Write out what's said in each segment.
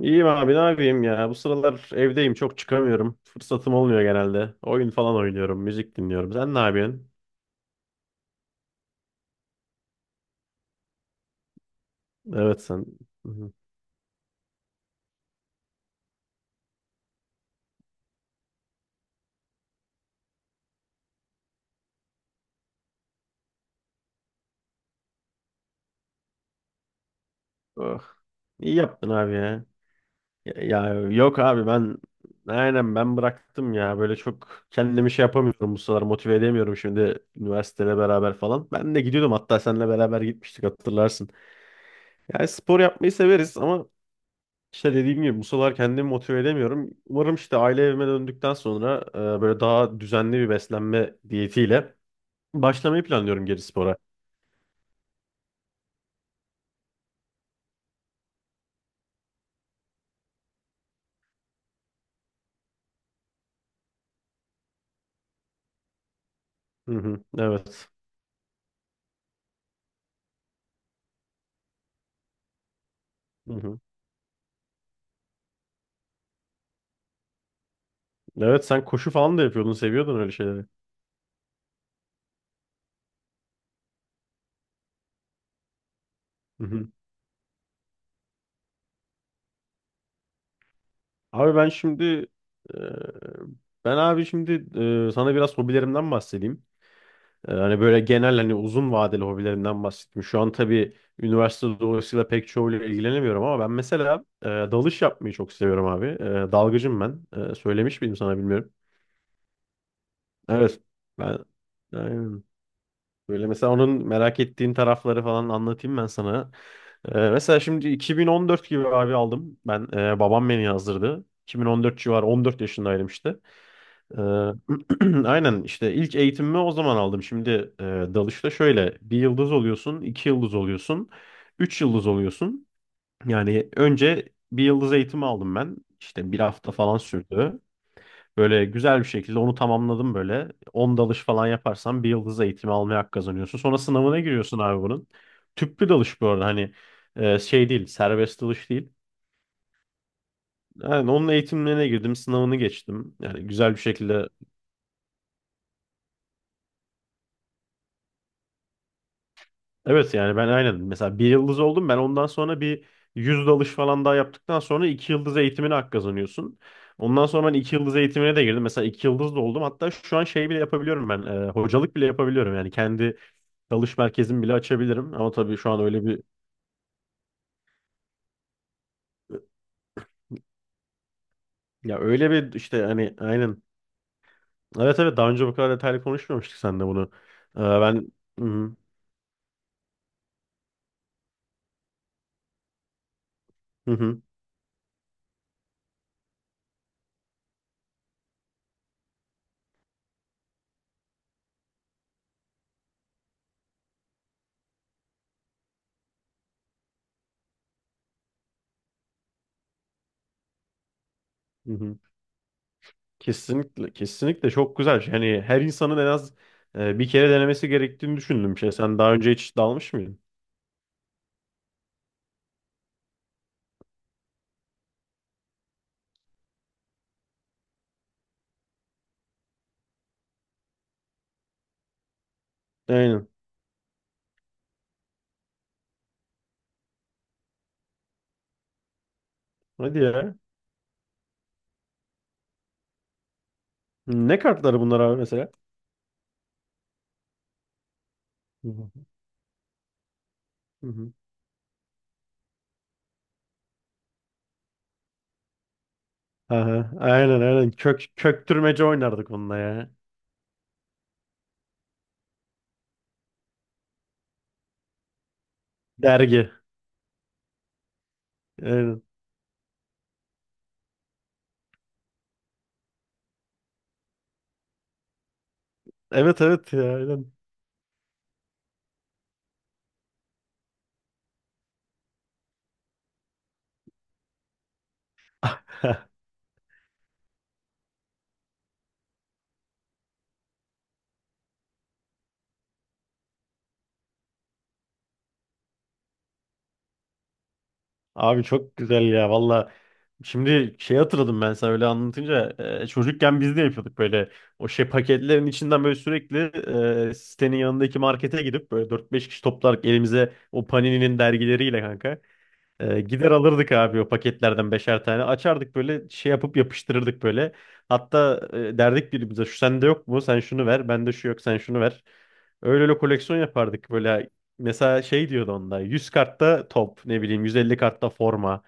İyiyim abi ne yapayım ya. Bu sıralar evdeyim, çok çıkamıyorum. Fırsatım olmuyor genelde. Oyun falan oynuyorum, müzik dinliyorum. Sen ne yapıyorsun? Evet, sen. Hı hı. Oh. İyi yaptın abi ya. Ya yok abi, ben aynen ben bıraktım ya. Böyle çok kendimi şey yapamıyorum bu sıralar, motive edemiyorum şimdi üniversiteyle beraber falan. Ben de gidiyordum, hatta seninle beraber gitmiştik, hatırlarsın. Yani spor yapmayı severiz ama İşte dediğim gibi bu sıralar kendimi motive edemiyorum. Umarım işte aile evime döndükten sonra böyle daha düzenli bir beslenme diyetiyle başlamayı planlıyorum geri spora. Hı hı, evet. Hı hı. Evet, sen koşu falan da yapıyordun, seviyordun öyle şeyleri. Hı hı. Abi ben şimdi e, ben abi şimdi e, Sana biraz hobilerimden bahsedeyim. Hani böyle genel, hani uzun vadeli hobilerimden bahsettim. Şu an tabii üniversite dolayısıyla pek çoğuyla ilgilenemiyorum ama ben mesela dalış yapmayı çok seviyorum abi. Dalgıcım ben. Söylemiş miydim sana, bilmiyorum. Evet. Ben aynen. Böyle mesela onun merak ettiğin tarafları falan anlatayım ben sana. Mesela şimdi 2014 gibi abi aldım. Ben babam beni yazdırdı. 2014 civarı 14 yaşındaydım işte. Ee, aynen, işte ilk eğitimimi o zaman aldım. Şimdi dalışta şöyle bir yıldız oluyorsun, iki yıldız oluyorsun, üç yıldız oluyorsun. Yani önce bir yıldız eğitimi aldım ben. İşte bir hafta falan sürdü. Böyle güzel bir şekilde onu tamamladım böyle. 10 dalış falan yaparsan bir yıldız eğitimi almaya hak kazanıyorsun. Sonra sınavına giriyorsun abi bunun. Tüplü dalış bu arada, hani şey değil, serbest dalış değil. Yani onun eğitimlerine girdim, sınavını geçtim. Yani güzel bir şekilde evet, yani ben aynen mesela bir yıldız oldum ben, ondan sonra bir 100 dalış falan daha yaptıktan sonra iki yıldız eğitimine hak kazanıyorsun. Ondan sonra ben iki yıldız eğitimine de girdim, mesela iki yıldız da oldum, hatta şu an şey bile yapabiliyorum ben, hocalık bile yapabiliyorum, yani kendi dalış merkezimi bile açabilirim ama tabii şu an öyle bir ya, öyle bir işte hani aynen evet, evet daha önce bu kadar detaylı konuşmamıştık seninle bunu. Ben hı hı, hı hı. Kesinlikle, kesinlikle çok güzel. Hani her insanın en az bir kere denemesi gerektiğini düşündüğüm bir şey. Sen daha önce hiç dalmış mıydın? Aynen. Hadi ya. Ne kartları bunlar abi mesela? Hı hı. Hı hı. Aha, aynen aynen. Köktürmece oynardık onunla ya. Dergi. Aynen. Evet, evet ya, aynen. Abi çok güzel ya valla. Şimdi şey hatırladım ben sana öyle anlatınca çocukken biz de yapıyorduk böyle o şey paketlerin içinden böyle sürekli sitenin yanındaki markete gidip böyle dört beş kişi toplarak elimize o Panini'nin dergileriyle, kanka, gider alırdık abi o paketlerden beşer tane. Açardık böyle şey yapıp yapıştırırdık böyle. Hatta derdik birbirimize, şu sende yok mu? Sen şunu ver. Bende şu yok. Sen şunu ver. Öyle öyle koleksiyon yapardık böyle. Mesela şey diyordu onda. 100 kartta top, ne bileyim, 150 kartta forma.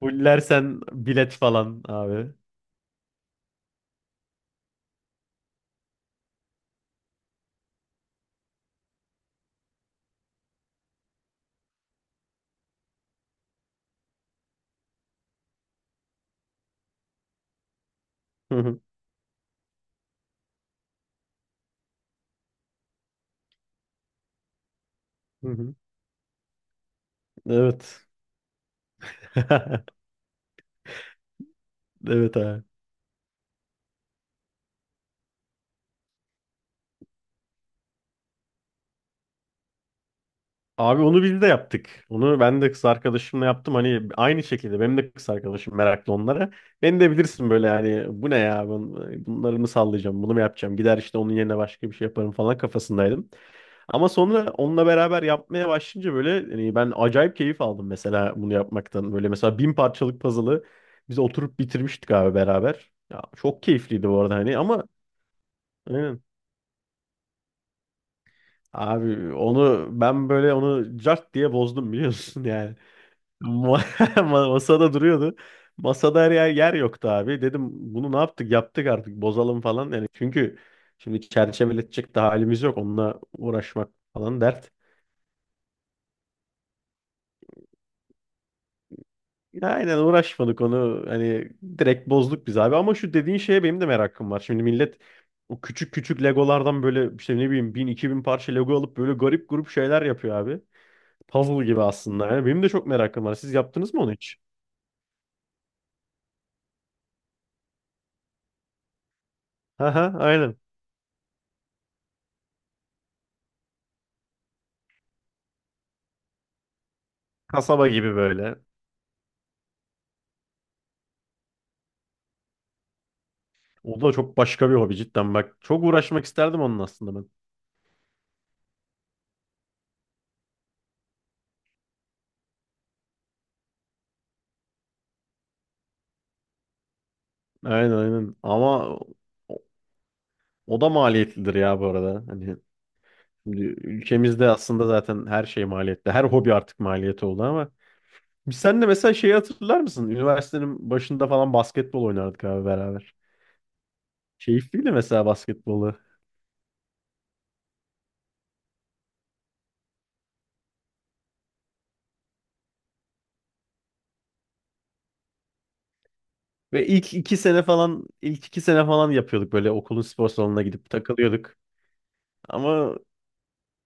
Fullersen bilet falan abi. Hı hı, hı hı. Evet. Evet abi. Abi onu biz de yaptık. Onu ben de kız arkadaşımla yaptım. Hani aynı şekilde benim de kız arkadaşım meraklı onlara. Beni de bilirsin böyle, yani bu ne ya, bunları mı sallayacağım, bunu mu yapacağım, gider işte onun yerine başka bir şey yaparım falan kafasındaydım. Ama sonra onunla beraber yapmaya başlayınca böyle, hani ben acayip keyif aldım mesela bunu yapmaktan. Böyle mesela 1000 parçalık puzzle'ı biz oturup bitirmiştik abi beraber. Ya çok keyifliydi bu arada, hani ama aynen. Abi onu ben böyle, onu cart diye bozdum biliyorsun yani. Ma- Masada duruyordu. Masada her yer, yer yoktu abi. Dedim bunu ne yaptık? Yaptık artık, bozalım falan. Yani çünkü şimdi çerçeveletecek de halimiz yok. Onunla uğraşmak falan dert. Ya, aynen, uğraşmadık onu. Hani direkt bozduk biz abi. Ama şu dediğin şeye benim de merakım var. Şimdi millet o küçük küçük Legolardan böyle, işte ne bileyim, bin iki bin parça Lego alıp böyle garip grup şeyler yapıyor abi. Puzzle gibi aslında. Yani benim de çok merakım var. Siz yaptınız mı onu hiç? Aha, aynen. Kasaba gibi böyle. O da çok başka bir hobi cidden. Bak çok uğraşmak isterdim onun aslında ben. Aynen, aynen. Ama o, o da maliyetlidir ya bu arada. Hani şimdi ülkemizde aslında zaten her şey maliyetli. Her hobi artık maliyeti oldu ama. Sen de mesela şeyi hatırlar mısın? Üniversitenin başında falan basketbol oynardık abi beraber. Keyifliydi mesela basketbolu. Ve ilk iki sene falan yapıyorduk böyle okulun spor salonuna gidip takılıyorduk. Ama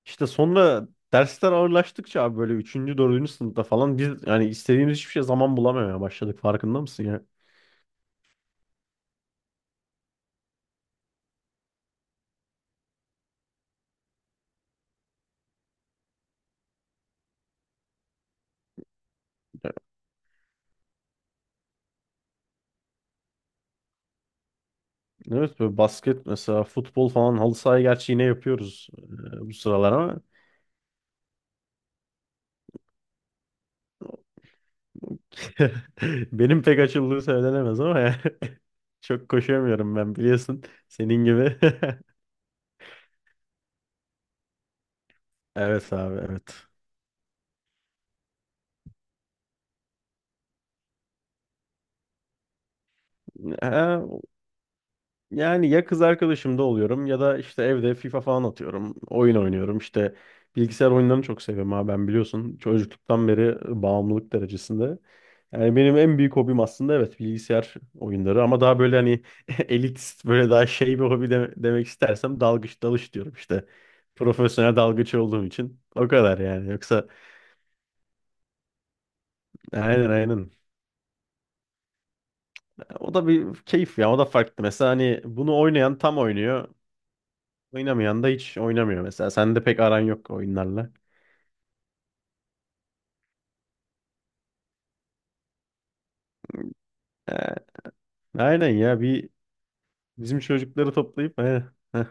İşte sonra dersler ağırlaştıkça abi, böyle üçüncü dördüncü sınıfta falan biz yani istediğimiz hiçbir şey zaman bulamamaya başladık, farkında mısın ya? Evet, böyle basket mesela, futbol falan halı sahayı gerçi yine yapıyoruz bu sıralar ama benim pek açıldığı söylenemez ama yani çok koşamıyorum ben biliyorsun senin gibi. Evet abi evet. Yani ya kız arkadaşımda oluyorum ya da işte evde FIFA falan atıyorum. Oyun oynuyorum. İşte bilgisayar oyunlarını çok seviyorum ha, ben biliyorsun. Çocukluktan beri bağımlılık derecesinde. Yani benim en büyük hobim aslında evet bilgisayar oyunları ama daha böyle hani elitist böyle daha şey bir hobi demek istersem dalgıç, dalış diyorum işte. Profesyonel dalgıç olduğum için o kadar yani, yoksa aynen, aynen. O da bir keyif ya, o da farklı. Mesela hani bunu oynayan tam oynuyor. Oynamayan da hiç oynamıyor mesela. Sende pek aran yok oyunlarla. He, aynen ya, bir bizim çocukları toplayıp, he, heh.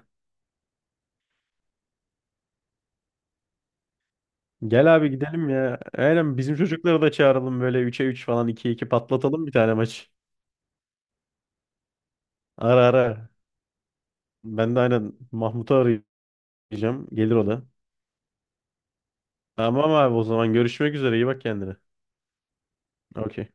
Gel abi, gidelim ya. Aynen, bizim çocukları da çağıralım böyle 3'e 3 falan, 2'ye 2 patlatalım bir tane maç. Ara, ara. Ben de aynen Mahmut'u arayacağım. Gelir o da. Tamam abi, o zaman görüşmek üzere. İyi bak kendine. Okey.